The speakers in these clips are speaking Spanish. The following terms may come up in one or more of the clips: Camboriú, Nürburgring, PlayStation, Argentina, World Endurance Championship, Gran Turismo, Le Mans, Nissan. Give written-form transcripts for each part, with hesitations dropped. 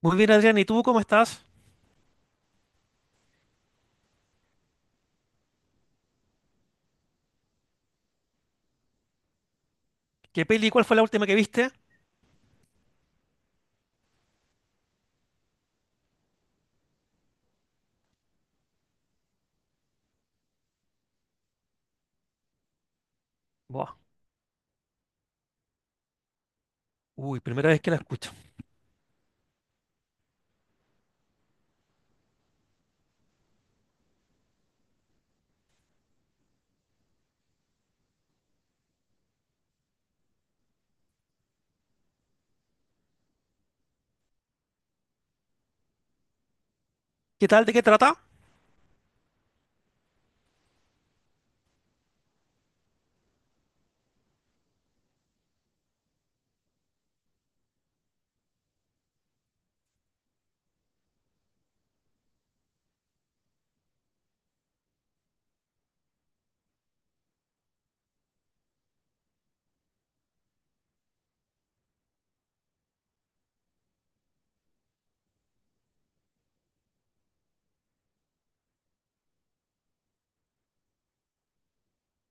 Muy bien, Adrián, ¿y tú cómo estás? ¿Qué peli, cuál fue la última que viste? Buah. Uy, primera vez que la escucho. ¿Qué tal? ¿De qué trata?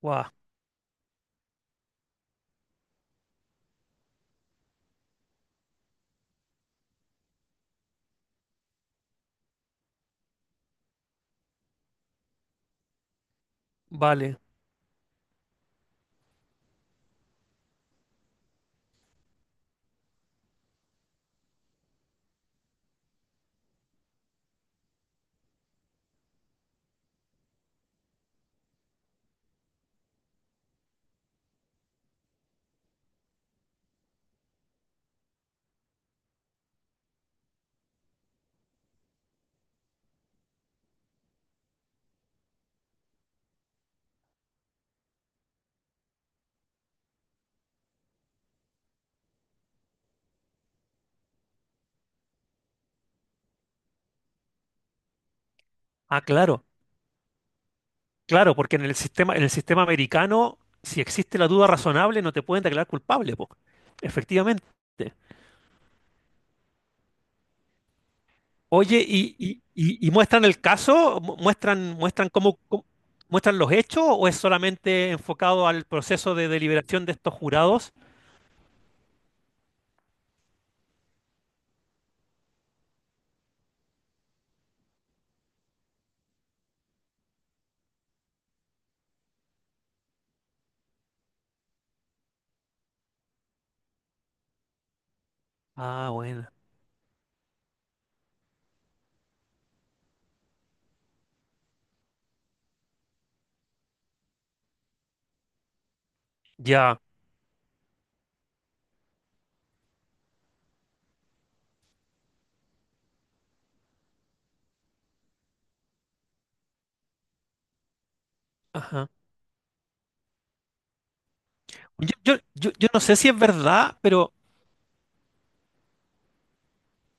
Buah, vale. Ah, claro, claro, porque en el sistema americano, si existe la duda razonable, no te pueden declarar culpable, po. Efectivamente. Oye, ¿Y muestran el caso? ¿Muestran los hechos o es solamente enfocado al proceso de deliberación de estos jurados? Ah, bueno. Ya. Ajá. Yo no sé si es verdad, pero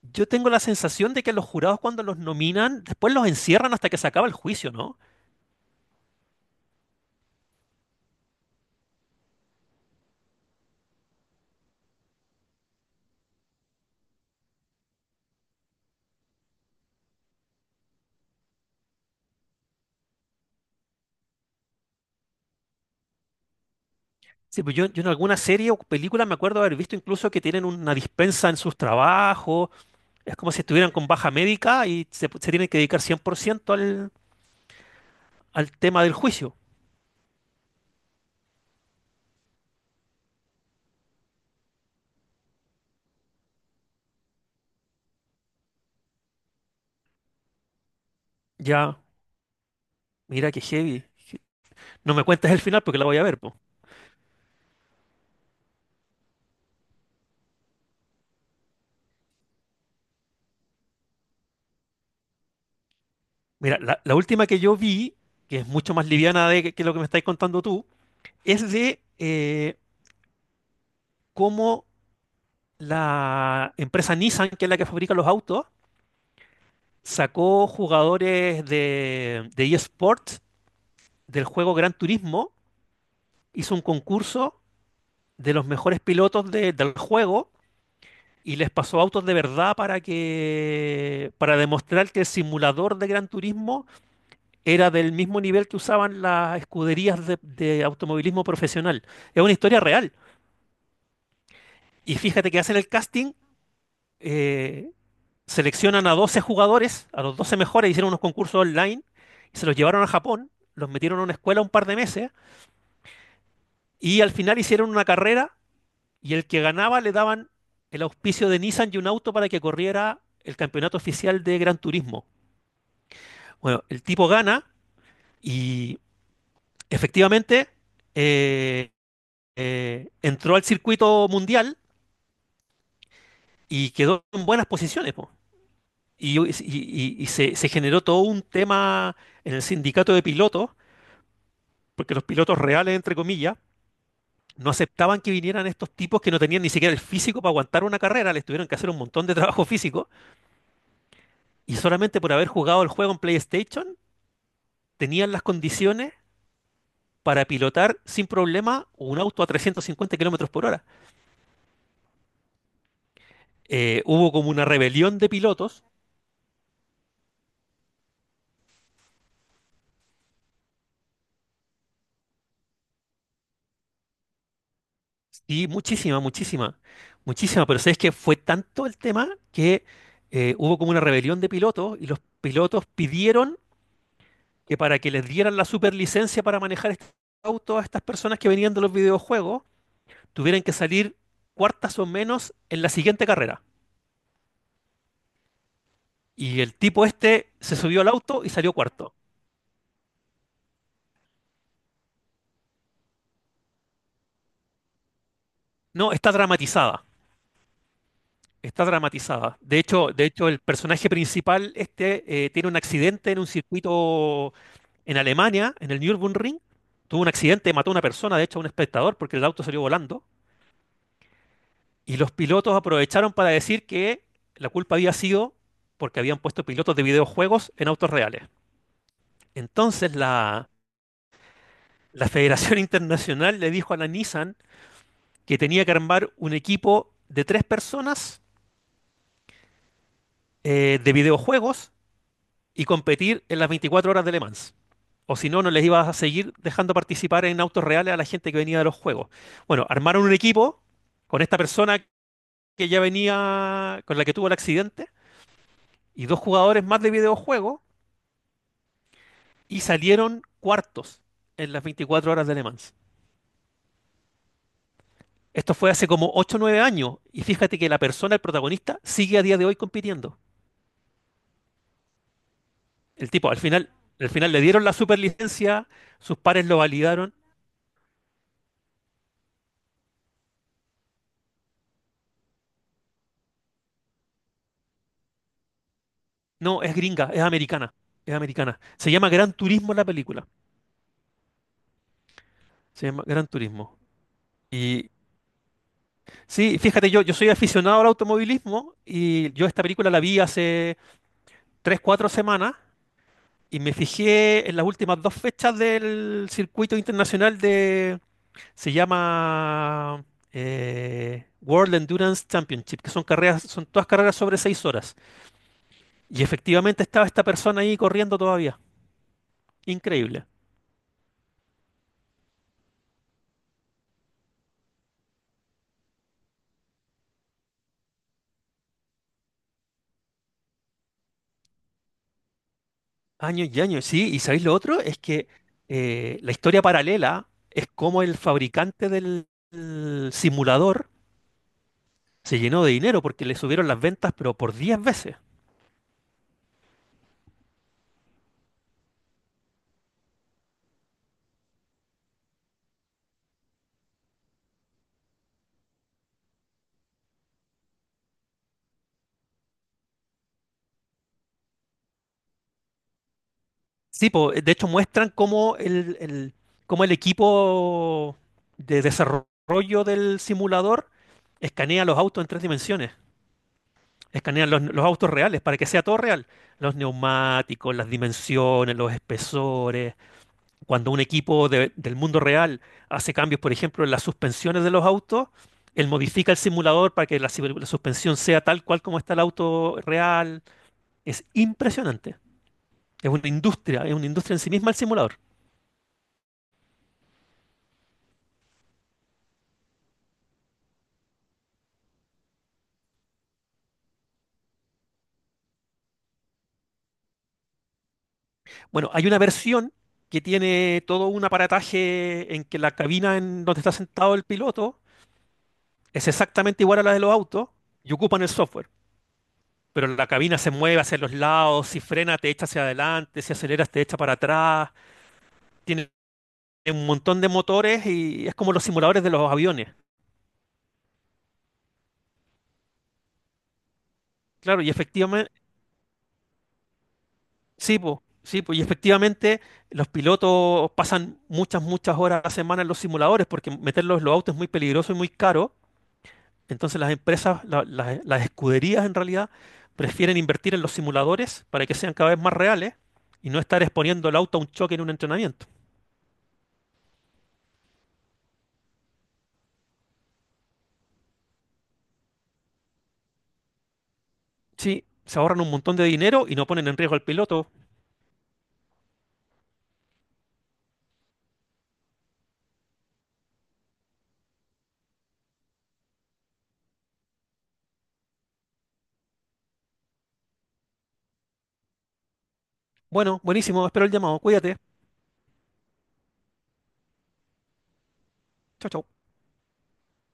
yo tengo la sensación de que los jurados cuando los nominan, después los encierran hasta que se acaba el juicio, ¿no? Sí, pues yo en alguna serie o película me acuerdo haber visto incluso que tienen una dispensa en sus trabajos, es como si estuvieran con baja médica y se tienen que dedicar 100% al tema del juicio. Ya, mira qué heavy. No me cuentes el final porque la voy a ver, po. Mira, la última que yo vi, que es mucho más liviana de que lo que me estáis contando tú, es de cómo la empresa Nissan, que es la que fabrica los autos, sacó jugadores de eSports del juego Gran Turismo, hizo un concurso de los mejores pilotos del juego y les pasó autos de verdad para que, para demostrar que el simulador de Gran Turismo era del mismo nivel que usaban las escuderías de automovilismo profesional. Es una historia real. Y fíjate que hacen el casting, eh, seleccionan a 12 jugadores, a los 12 mejores, hicieron unos concursos online, y se los llevaron a Japón, los metieron a una escuela un par de meses. Y al final hicieron una carrera y el que ganaba le daban el auspicio de Nissan y un auto para que corriera el campeonato oficial de Gran Turismo. Bueno, el tipo gana y efectivamente eh, entró al circuito mundial y quedó en buenas posiciones, po. Y se generó todo un tema en el sindicato de pilotos, porque los pilotos reales, entre comillas, no aceptaban que vinieran estos tipos que no tenían ni siquiera el físico para aguantar una carrera, les tuvieron que hacer un montón de trabajo físico. Y solamente por haber jugado el juego en PlayStation, tenían las condiciones para pilotar sin problema un auto a 350 kilómetros por hora. Hubo como una rebelión de pilotos, y muchísima, muchísima, muchísima, pero sabes que fue tanto el tema que hubo como una rebelión de pilotos y los pilotos pidieron que para que les dieran la superlicencia para manejar este auto a estas personas que venían de los videojuegos, tuvieran que salir cuartas o menos en la siguiente carrera. Y el tipo este se subió al auto y salió cuarto. No, está dramatizada. Está dramatizada. De hecho, el personaje principal este tiene un accidente en un circuito en Alemania, en el Nürburgring. Tuvo un accidente, mató a una persona, de hecho, a un espectador, porque el auto salió volando. Y los pilotos aprovecharon para decir que la culpa había sido porque habían puesto pilotos de videojuegos en autos reales. Entonces la Federación Internacional le dijo a la Nissan que tenía que armar un equipo de tres personas de videojuegos y competir en las 24 horas de Le Mans. O si no, no les ibas a seguir dejando participar en autos reales a la gente que venía de los juegos. Bueno, armaron un equipo con esta persona que ya venía, con la que tuvo el accidente, y dos jugadores más de videojuegos, y salieron cuartos en las 24 horas de Le Mans. Esto fue hace como ocho o 9 años, y fíjate que la persona, el protagonista, sigue a día de hoy compitiendo. El tipo, al final le dieron la superlicencia, sus pares lo validaron. No, es gringa, es americana, es americana. Se llama Gran Turismo la película. Se llama Gran Turismo. Y sí, fíjate, yo soy aficionado al automovilismo y yo esta película la vi hace 3, 4 semanas y me fijé en las últimas dos fechas del circuito internacional de, se llama World Endurance Championship, que son carreras, son todas carreras sobre 6 horas. Y efectivamente estaba esta persona ahí corriendo todavía. Increíble. Años y años, sí. ¿Y sabéis lo otro? Es que la historia paralela es como el fabricante del simulador se llenó de dinero porque le subieron las ventas, pero por 10 veces. Sí, po, de hecho muestran cómo cómo el equipo de desarrollo del simulador escanea los autos en tres dimensiones. Escanean los autos reales para que sea todo real. Los neumáticos, las dimensiones, los espesores. Cuando un equipo del mundo real hace cambios, por ejemplo, en las suspensiones de los autos, él modifica el simulador para que la, la suspensión sea tal cual como está el auto real. Es impresionante. Es una industria en sí misma el simulador. Bueno, hay una versión que tiene todo un aparataje en que la cabina en donde está sentado el piloto es exactamente igual a la de los autos y ocupan el software. Pero la cabina se mueve hacia los lados, si frena te echa hacia adelante, si aceleras te echa para atrás, tiene un montón de motores y es como los simuladores de los aviones. Claro, y efectivamente, sí, pues, sí, po, y efectivamente los pilotos pasan muchas, muchas horas a la semana en los simuladores porque meterlos en los autos es muy peligroso y muy caro. Entonces las empresas, las escuderías en realidad, prefieren invertir en los simuladores para que sean cada vez más reales y no estar exponiendo el auto a un choque en un entrenamiento. Sí, se ahorran un montón de dinero y no ponen en riesgo al piloto. Bueno, buenísimo, espero el llamado. Cuídate. Chao, chao.